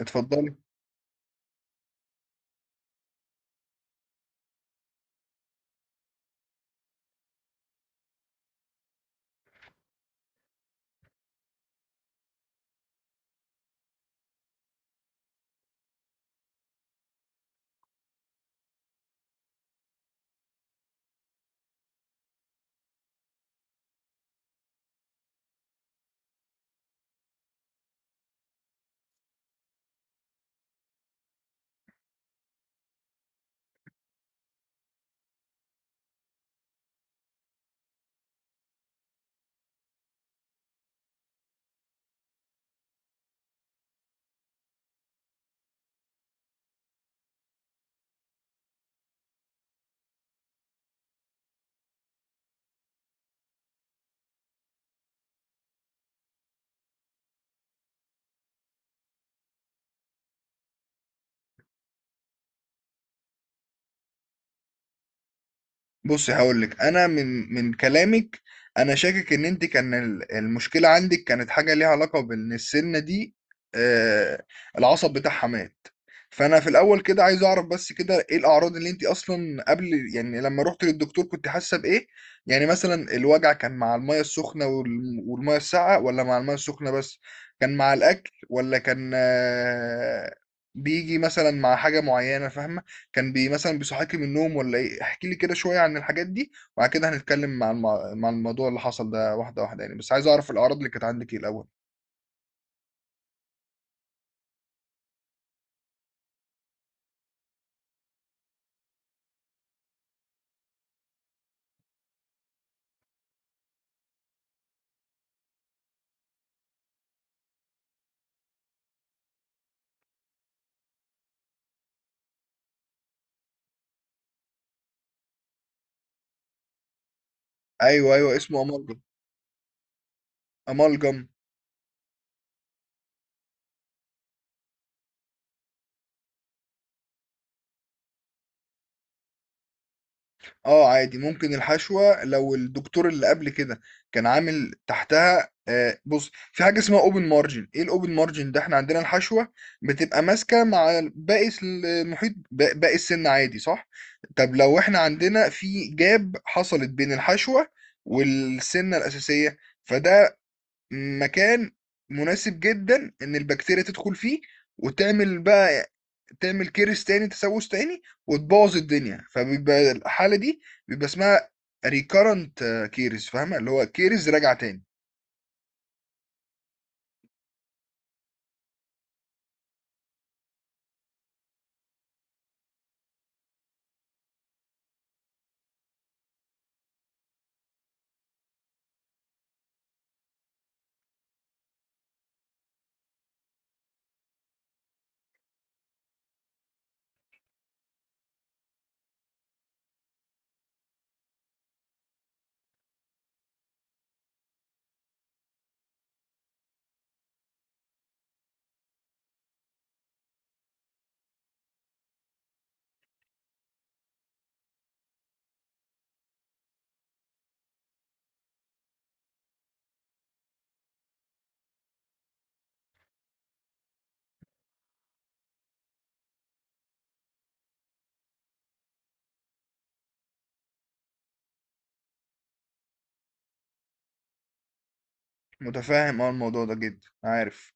اتفضلي. بصي، هقول لك، انا من كلامك. انا شاكك ان انت كان المشكله عندك كانت حاجه ليها علاقه بان السنه دي آه العصب بتاعها مات. فانا في الاول كده عايز اعرف بس كده ايه الاعراض اللي انت اصلا قبل، يعني لما رحت للدكتور كنت حاسه بايه؟ يعني مثلا الوجع كان مع الميه السخنه والميه الساقعه، ولا مع الميه السخنه بس؟ كان مع الاكل، ولا كان بيجي مثلا مع حاجه معينه؟ فاهمه؟ كان مثلًا بيصحّيكِ من النوم والّا إيه؟ احكي لي كده شوية عن الحاجات دي، وبعد كده هنتكلّم عن عن الموضوع اللي حصل ده واحدة واحدة يعني، بس عايز أعرف الأعراض اللي كانت عندِك إيه الأول. أيوه، أيوه، اسمه amalgam. amalgam. آه، عادي، ممكن الحشوة لو الدكتور اللي قبل كده كان عامل تحتها، بُص، في حاجة اسمها open margin. إيه الopen margin ده؟ إحنا عندنا الحشوة بتبقى ماسكة مع باقي المحيط باقي السن عادي، صح؟ طب لو إحنا عندنا في gap حصلت بين الحشوة والسنة الأساسية، فده مكان مناسب جدا ان البكتيريا تدخل فيه وتعمل بقى تعمل كيرس تاني، تسوس تاني، وتبوظ الدنيا، فبيبقى الحالة دي بيبقى اسمها ريكارنت كيرس. فاهمة؟ اللي هو كيرس راجع تاني. متفاهم اه، الموضوع ده جدا عارف.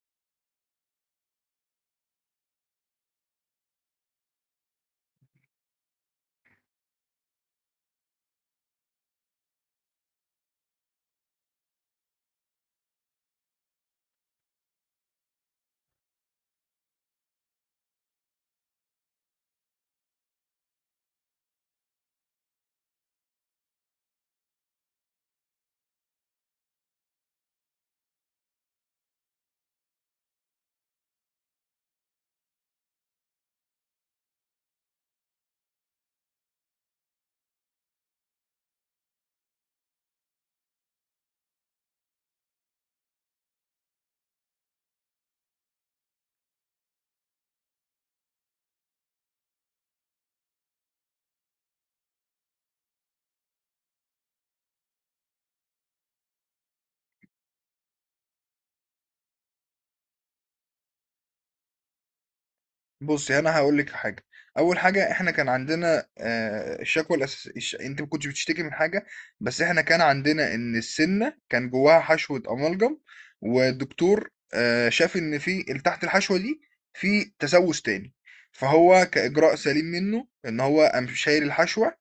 بصي، انا هقول لك حاجه. اول حاجه، احنا كان عندنا الشكوى الاساسيه، انت ما كنتش بتشتكي من حاجه، بس احنا كان عندنا ان السنه كان جواها حشوه املجم، والدكتور شاف ان في اللي تحت الحشوه دي في تسوس تاني، فهو كاجراء سليم منه ان هو قام شايل الحشوه،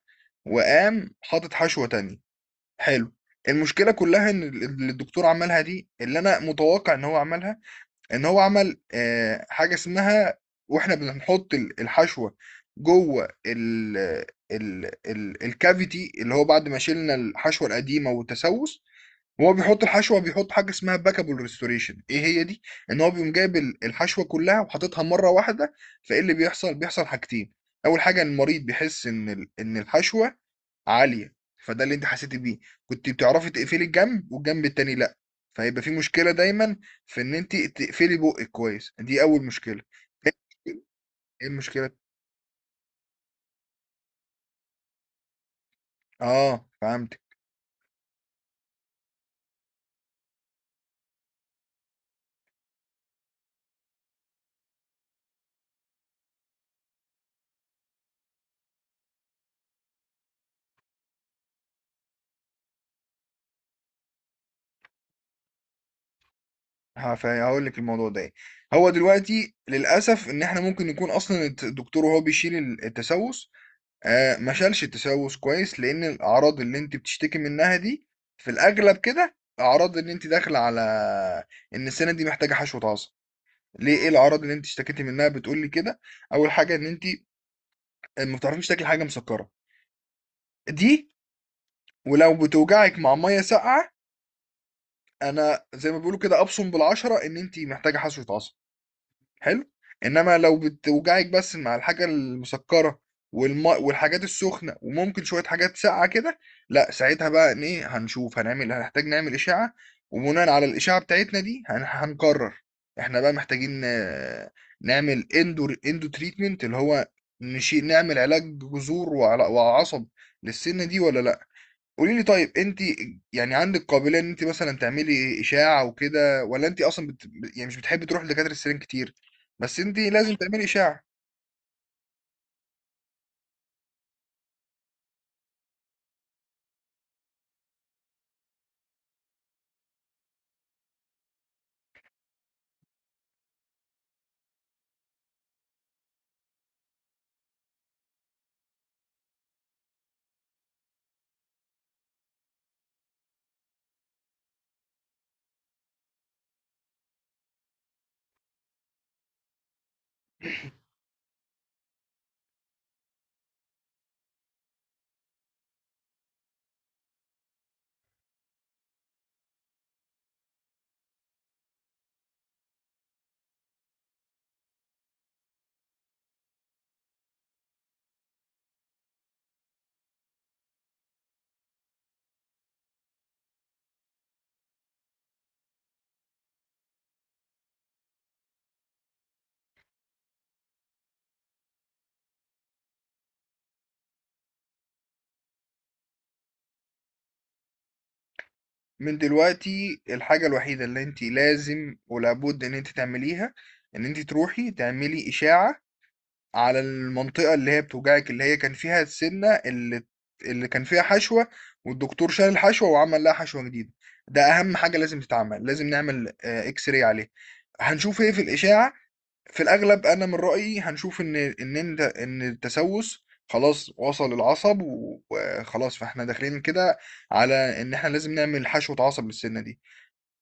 وقام حاطط حشوه تانية. حلو. المشكله كلها ان اللي الدكتور عملها دي، اللي انا متوقع ان هو عملها، ان هو عمل حاجه اسمها، واحنا بنحط الحشوه جوه ال ال ال الكافيتي، اللي هو بعد ما شلنا الحشوه القديمه والتسوس، هو بيحط حاجه اسمها باكابل ريستوريشن. ايه هي دي؟ ان هو بيقوم جايب الحشوه كلها وحاططها مره واحده. فايه اللي بيحصل حاجتين. اول حاجه إن المريض بيحس ان ان الحشوه عاليه. فده اللي انت حسيتي بيه، كنت بتعرفي تقفلي الجنب والجنب التاني لا، فهيبقى في مشكله دايما في ان انت تقفلي بقك كويس. دي اول مشكله. ايه المشكله؟ اه، فهمت. هقول لك الموضوع ده ايه. هو دلوقتي للاسف ان احنا ممكن يكون اصلا الدكتور وهو بيشيل التسوس ما شالش التسوس كويس، لان الاعراض اللي انت بتشتكي منها دي في الاغلب كده اعراض ان انت داخله على ان السنه دي محتاجه حشو عصب. ليه؟ ايه الاعراض اللي انت اشتكيتي منها بتقول لي كده؟ اول حاجه ان انت ما بتعرفيش تاكلي حاجه مسكره، دي ولو بتوجعك مع ميه ساقعه، انا زي ما بيقولوا كده ابصم بالعشره ان انت محتاجه حشوه عصب. حلو. انما لو بتوجعك بس مع الحاجه المسكره والماء والحاجات السخنه وممكن شويه حاجات ساقعه كده، لا ساعتها بقى إن ايه؟ هنشوف، هنعمل، هنحتاج نعمل اشاعه، وبناء على الاشاعه بتاعتنا دي هنقرر احنا بقى محتاجين نعمل اندو تريتمنت اللي هو نعمل علاج جذور وعصب للسنه دي ولا لا. قولي لي، طيب انت يعني عندك قابليه ان انت مثلا تعملي اشاعه وكده، ولا انت اصلا يعني مش بتحبي تروحي لدكاتره السنان كتير؟ بس انت لازم تعملي اشاعه. من دلوقتي الحاجه الوحيده اللي انت لازم ولابد ان انت تعمليها ان انت تروحي تعملي اشاعه على المنطقه اللي هي بتوجعك، اللي هي كان فيها السنه اللي كان فيها حشوه والدكتور شال الحشوه وعمل لها حشوه جديده. ده اهم حاجه لازم تتعمل، لازم نعمل اكس راي عليه. هنشوف ايه في الاشاعه. في الاغلب انا من رايي هنشوف ان التسوس خلاص وصل العصب وخلاص، فاحنا داخلين كده على ان احنا لازم نعمل حشوة عصب للسنة دي.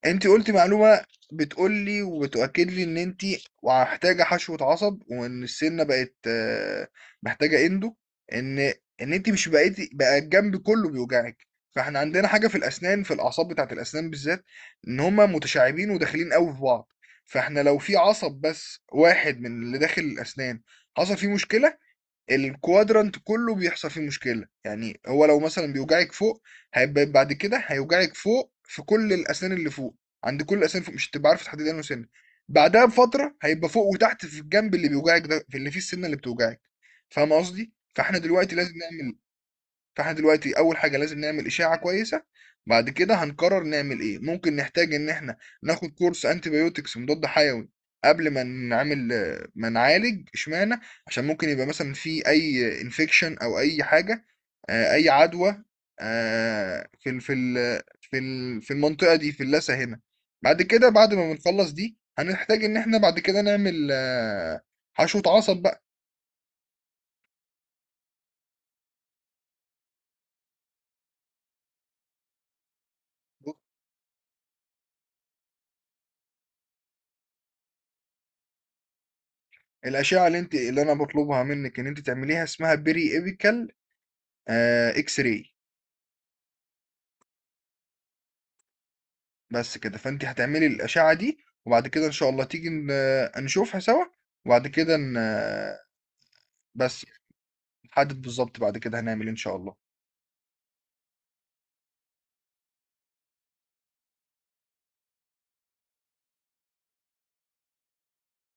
انت قلتي معلومة بتقول لي وبتؤكد لي ان انت محتاجة حشوة عصب، وان السنة بقت محتاجة اندو، ان ان انت مش بقيتي بقى الجنب كله بيوجعك. فاحنا عندنا حاجة في الاسنان، في الاعصاب بتاعت الاسنان بالذات، ان هما متشعبين وداخلين قوي في بعض. فاحنا لو في عصب بس واحد من اللي داخل الاسنان حصل فيه مشكلة، الكوادرانت كله بيحصل فيه مشكلة. يعني هو لو مثلا بيوجعك فوق، هيبقى بعد كده هيوجعك فوق في كل الأسنان اللي فوق، عند كل الأسنان فوق مش هتبقى عارف تحدد أنه سن. بعدها بفترة هيبقى فوق وتحت في الجنب اللي بيوجعك ده، في اللي فيه السنة اللي بتوجعك. فاهم قصدي؟ فاحنا دلوقتي اول حاجه لازم نعمل اشاعه كويسه، بعد كده هنقرر نعمل ايه. ممكن نحتاج ان احنا ناخد كورس انتيبيوتكس مضاد حيوي قبل ما نعالج، اشمعنى؟ عشان ممكن يبقى مثلا في اي انفكشن او اي حاجه، اي عدوى في في المنطقه دي في اللثه هنا. بعد ما بنخلص دي هنحتاج ان احنا بعد كده نعمل حشوه عصب. بقى الأشعة اللي أنا باطلبها منِّك إن أنتِ تعمليها اسمها periapical X-ray. بس كده، فأنتِ هتعملي الأشعة دي، وبعد كده إن شاء الله تيجي ن آه، نشوفها سوا، وبعد كده ن آه، بس نحدد بالضبط بعد كده هنعمل إيه إن شاء الله.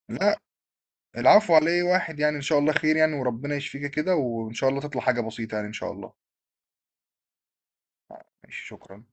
لأ، العفو على إيه، واحد يعني إن شاء الله خير يعني وربنا يشفيكِ كده وإن شاء الله تطلع حاجة بسيطة يعني إن شاء الله. ماشي، شكرًا.